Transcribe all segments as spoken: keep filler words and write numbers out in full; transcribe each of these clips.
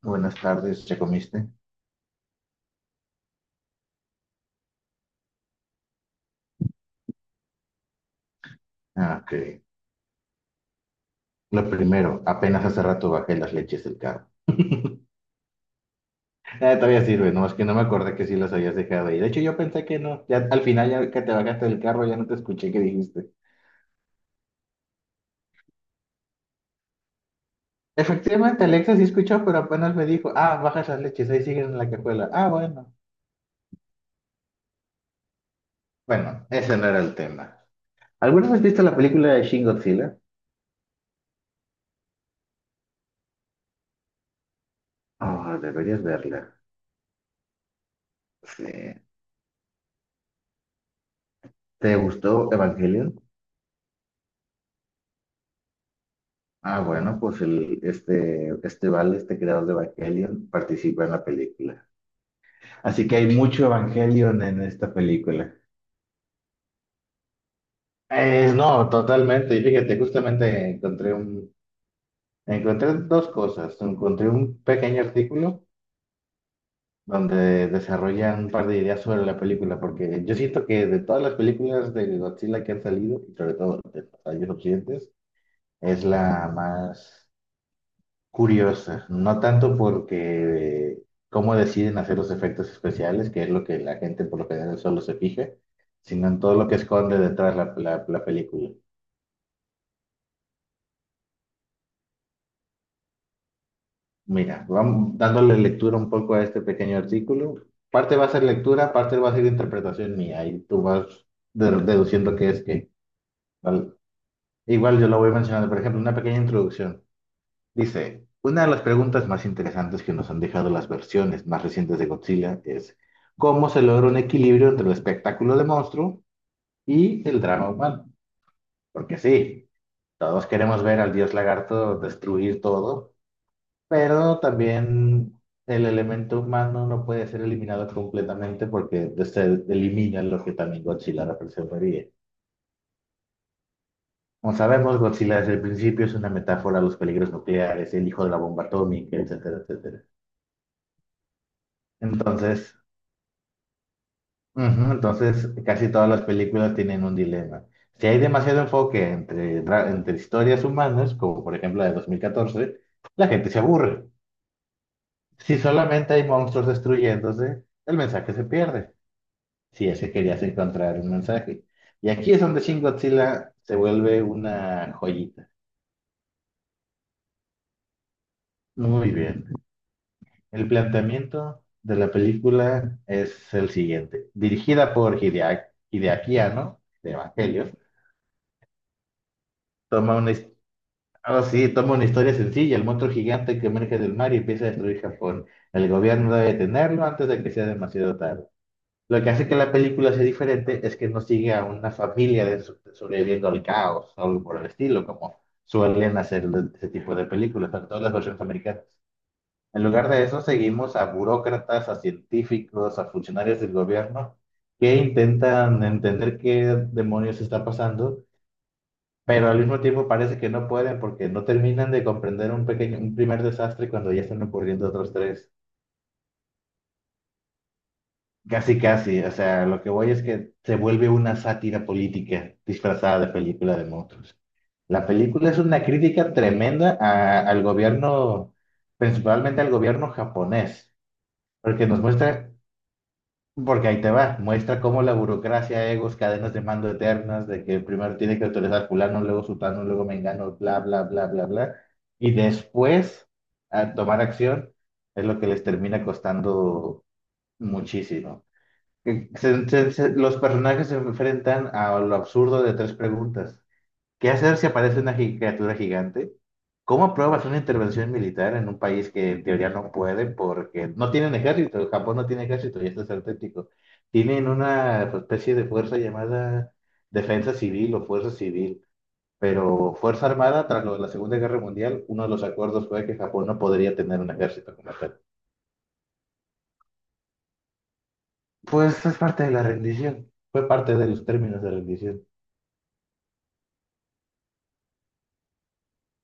Buenas tardes, ¿ya comiste? Ah, ok. Lo primero, apenas hace rato bajé las leches del carro. Eh, todavía sirve, no, es que no me acordé que sí las habías dejado ahí. De hecho, yo pensé que no. Ya al final, ya que te bajaste del carro, ya no te escuché qué dijiste. Efectivamente, Alexa sí escuchó, pero apenas me dijo, ah, bajas las leches, ahí siguen en la cajuela. Ah, bueno. Bueno, ese no era el tema. ¿Alguna vez viste la película de Shin Godzilla? Oh, deberías verla. Sí. ¿Te gustó Evangelion? Ah, bueno, pues el, este, este Val, este creador de Evangelion, participa en la película. Así que hay mucho Evangelion en esta película. Eh, no, totalmente. Y fíjate, justamente encontré un, encontré dos cosas. Encontré un pequeño artículo donde desarrollan un par de ideas sobre la película, porque yo siento que de todas las películas de Godzilla que han salido, y sobre todo de los occidentes, es la más curiosa, no tanto porque eh, cómo deciden hacer los efectos especiales, que es lo que la gente por lo general solo se fija, sino en todo lo que esconde detrás la, la, la película. Mira, vamos dándole lectura un poco a este pequeño artículo. Parte va a ser lectura, parte va a ser interpretación mía, y tú vas de- deduciendo qué es qué. ¿Vale? Igual yo lo voy mencionando, por ejemplo, una pequeña introducción. Dice, una de las preguntas más interesantes que nos han dejado las versiones más recientes de Godzilla es, ¿cómo se logra un equilibrio entre el espectáculo de monstruo y el drama humano? Porque sí, todos queremos ver al dios lagarto destruir todo, pero también el elemento humano no puede ser eliminado completamente porque se elimina lo que también Godzilla representaría. Como sabemos, Godzilla desde el principio es una metáfora a los peligros nucleares, el hijo de la bomba atómica, etcétera, etcétera. Entonces, ujú, entonces, casi todas las películas tienen un dilema. Si hay demasiado enfoque entre, dra- entre historias humanas, como por ejemplo la de dos mil catorce, la gente se aburre. Si solamente hay monstruos destruyéndose, el mensaje se pierde. Si ese querías encontrar un mensaje. Y aquí es donde Shin Godzilla se vuelve una joyita. Muy bien. El planteamiento de la película es el siguiente. Dirigida por Hideaki, Hideaki Anno, de Evangelion, toma una, ahora sí, toma una historia sencilla, el monstruo gigante que emerge del mar y empieza a destruir Japón. El gobierno debe detenerlo antes de que sea demasiado tarde. Lo que hace que la película sea diferente es que no sigue a una familia de so- sobreviviendo al caos o algo por el estilo, como suelen hacer de- ese tipo de películas, sobre todo las versiones americanas. En lugar de eso, seguimos a burócratas, a científicos, a funcionarios del gobierno que intentan entender qué demonios está pasando, pero al mismo tiempo parece que no pueden porque no terminan de comprender un pequeño, un primer desastre cuando ya están ocurriendo otros tres. Casi, casi. O sea, lo que voy es que se vuelve una sátira política disfrazada de película de monstruos. La película es una crítica tremenda a- al gobierno, principalmente al gobierno japonés, porque nos muestra porque ahí te va, muestra cómo la burocracia, egos, cadenas de mando eternas, de que primero tiene que autorizar fulano, luego sutano, luego mengano, bla, bla, bla, bla, bla, y después a tomar acción es lo que les termina costando muchísimo. Que se- se- se- los personajes se enfrentan a lo absurdo de tres preguntas. ¿Qué hacer si aparece una gi- criatura gigante? ¿Cómo apruebas una intervención militar en un país que en teoría no puede porque no tienen ejército? Japón no tiene ejército y esto es auténtico. Tienen una especie de fuerza llamada defensa civil o fuerza civil, pero Fuerza Armada, tras lo de la Segunda Guerra Mundial, uno de los acuerdos fue que Japón no podría tener un ejército como tal. Pues es parte de la rendición, fue parte de los términos de rendición.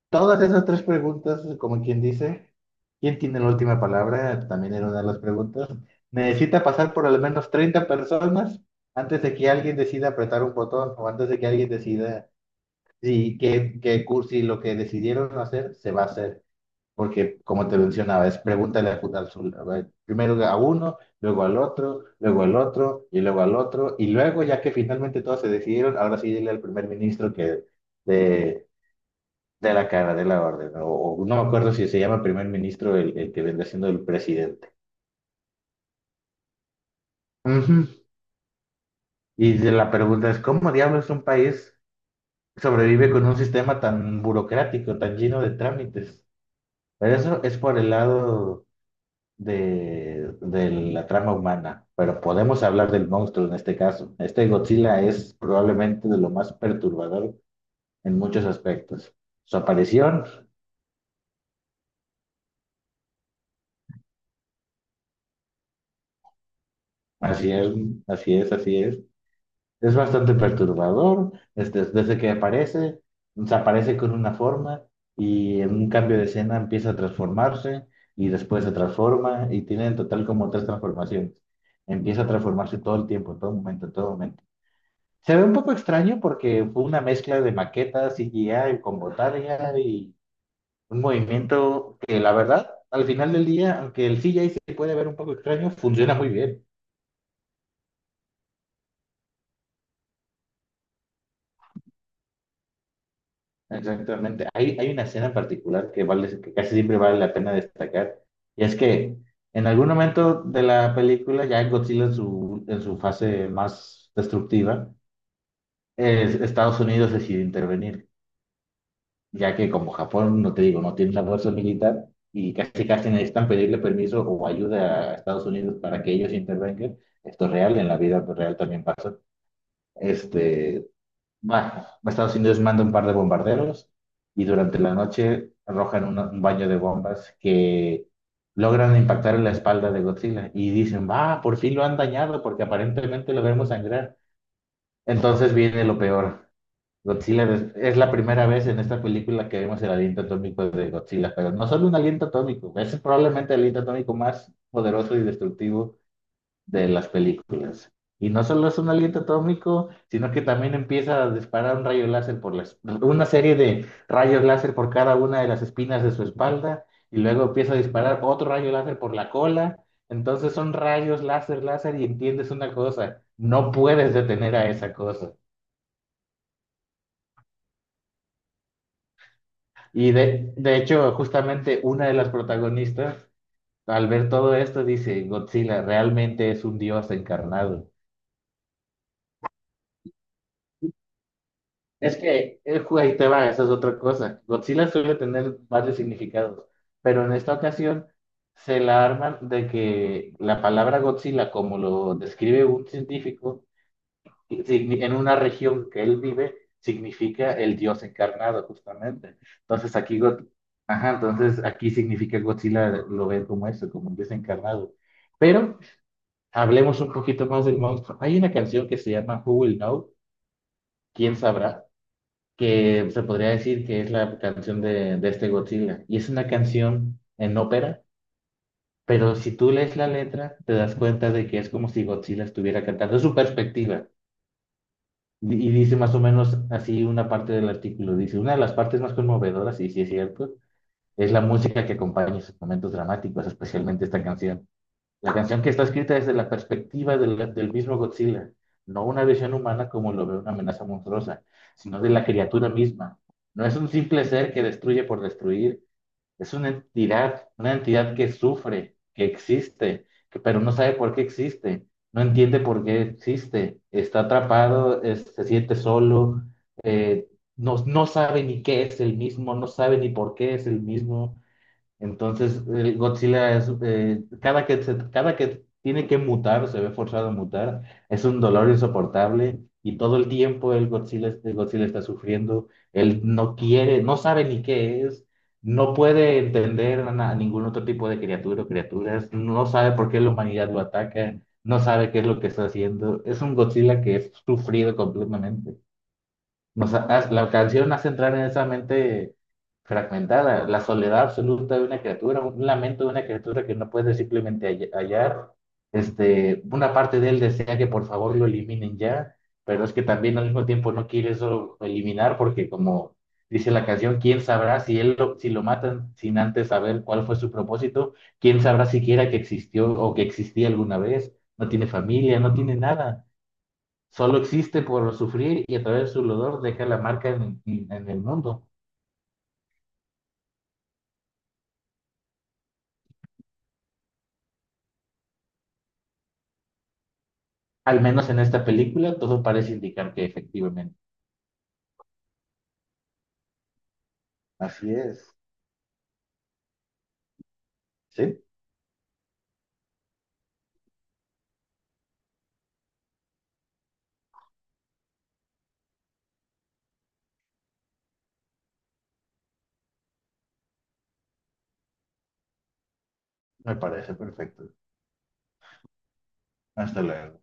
Todas esas tres preguntas, como quien dice, ¿quién tiene la última palabra? También era una de las preguntas. Necesita pasar por al menos treinta personas antes de que alguien decida apretar un botón o antes de que alguien decida si que, que cursi lo que decidieron hacer se va a hacer. Porque, como te mencionaba, es pregúntale al, al sul- a ver, primero a uno, luego al otro, luego al otro y luego al otro. Y luego, ya que finalmente todos se decidieron, ahora sí dile al primer ministro que, de la cara de la orden, o, o no me acuerdo si se llama primer ministro el, el que vendrá siendo el presidente. Ujú. Y de la pregunta es, ¿cómo diablos un país sobrevive con un sistema tan burocrático, tan lleno de trámites? Pero eso es por el lado de, de la trama humana, pero podemos hablar del monstruo en este caso. Este Godzilla es probablemente de lo más perturbador en muchos aspectos. Su aparición, así es, así es, así es. Es bastante perturbador, este, desde que aparece, se aparece con una forma y en un cambio de escena empieza a transformarse y después se transforma y tiene en total como tres transformaciones. Empieza a transformarse todo el tiempo, en todo momento, en todo momento. Se ve un poco extraño porque fue una mezcla de maquetas, C G I con botaria y un movimiento que la verdad, al final del día, aunque el C G I se puede ver un poco extraño, funciona muy bien. Exactamente. Hay, hay una escena en particular que vale, que casi siempre vale la pena destacar, y es que en algún momento de la película, ya Godzilla en su, en su fase más destructiva, es- Estados Unidos decide intervenir, ya que como Japón, no te digo, no tiene la fuerza militar y casi casi necesitan pedirle permiso o ayuda a Estados Unidos para que ellos intervengan. Esto es real, en la vida real también pasa. Este, bueno, Estados Unidos manda un par de bombarderos y durante la noche arrojan una- un baño de bombas que logran impactar en la espalda de Godzilla y dicen, va, por fin lo han dañado porque aparentemente lo vemos sangrar. Entonces viene lo peor. Godzilla des- es la primera vez en esta película que vemos el aliento atómico de Godzilla, pero no solo un aliento atómico, es probablemente el aliento atómico más poderoso y destructivo de las películas. Y no solo es un aliento atómico, sino que también empieza a disparar un rayo láser por las, una serie de rayos láser por cada una de las espinas de su espalda, y luego empieza a disparar otro rayo láser por la cola. Entonces son rayos láser, láser, y entiendes una cosa, no puedes detener a esa cosa. Y de, de hecho, justamente una de las protagonistas, al ver todo esto, dice, Godzilla realmente es un dios encarnado. Es que el juego ahí te va, esa es otra cosa. Godzilla suele tener varios significados, pero en esta ocasión se la arman de que la palabra Godzilla, como lo describe un científico, y signi- en una región que él vive, significa el dios encarnado, justamente. Entonces aquí, Go- ajá, entonces aquí significa Godzilla, lo ven como eso, como un dios encarnado. Pero hablemos un poquito más del monstruo. Hay una canción que se llama Who Will Know, ¿quién sabrá? Que se podría decir que es la canción de, de este Godzilla. Y es una canción en ópera, pero si tú lees la letra, te das cuenta de que es como si Godzilla estuviera cantando. Es su perspectiva. Y dice más o menos así una parte del artículo. Dice, una de las partes más conmovedoras, y sí es cierto, es la música que acompaña esos momentos dramáticos, especialmente esta canción. La canción que está escrita desde la perspectiva del, del mismo Godzilla, no una visión humana como lo ve una amenaza monstruosa, sino de la criatura misma. No es un simple ser que destruye por destruir, es una entidad, una entidad que sufre, que existe, que, pero no sabe por qué existe, no entiende por qué existe, está atrapado, es- se siente solo, eh, no, no sabe ni qué es el mismo, no sabe ni por qué es el mismo. Entonces, el Godzilla es, eh, cada que se- cada que tiene que mutar, se ve forzado a mutar, es un dolor insoportable y todo el tiempo el Godzilla, el Godzilla está sufriendo, él no quiere, no sabe ni qué es, no puede entender a, na- a ningún otro tipo de criatura o criaturas, no sabe por qué la humanidad lo ataca, no sabe qué es lo que está haciendo, es un Godzilla que es sufrido completamente. Nos ha- ha- la canción hace entrar en esa mente fragmentada, la soledad absoluta de una criatura, un lamento de una criatura que no puede simplemente hall- hallar. Este, una parte de él desea que por favor lo eliminen ya, pero es que también al mismo tiempo no quiere eso eliminar porque como dice la canción, ¿quién sabrá si él lo, si lo matan sin antes saber cuál fue su propósito? ¿Quién sabrá siquiera que existió o que existía alguna vez? No tiene familia, no tiene nada. Solo existe por sufrir y a través de su dolor deja la marca en, en- en el mundo. Al menos en esta película todo parece indicar que efectivamente. Así es. Sí, me parece perfecto. Hasta luego.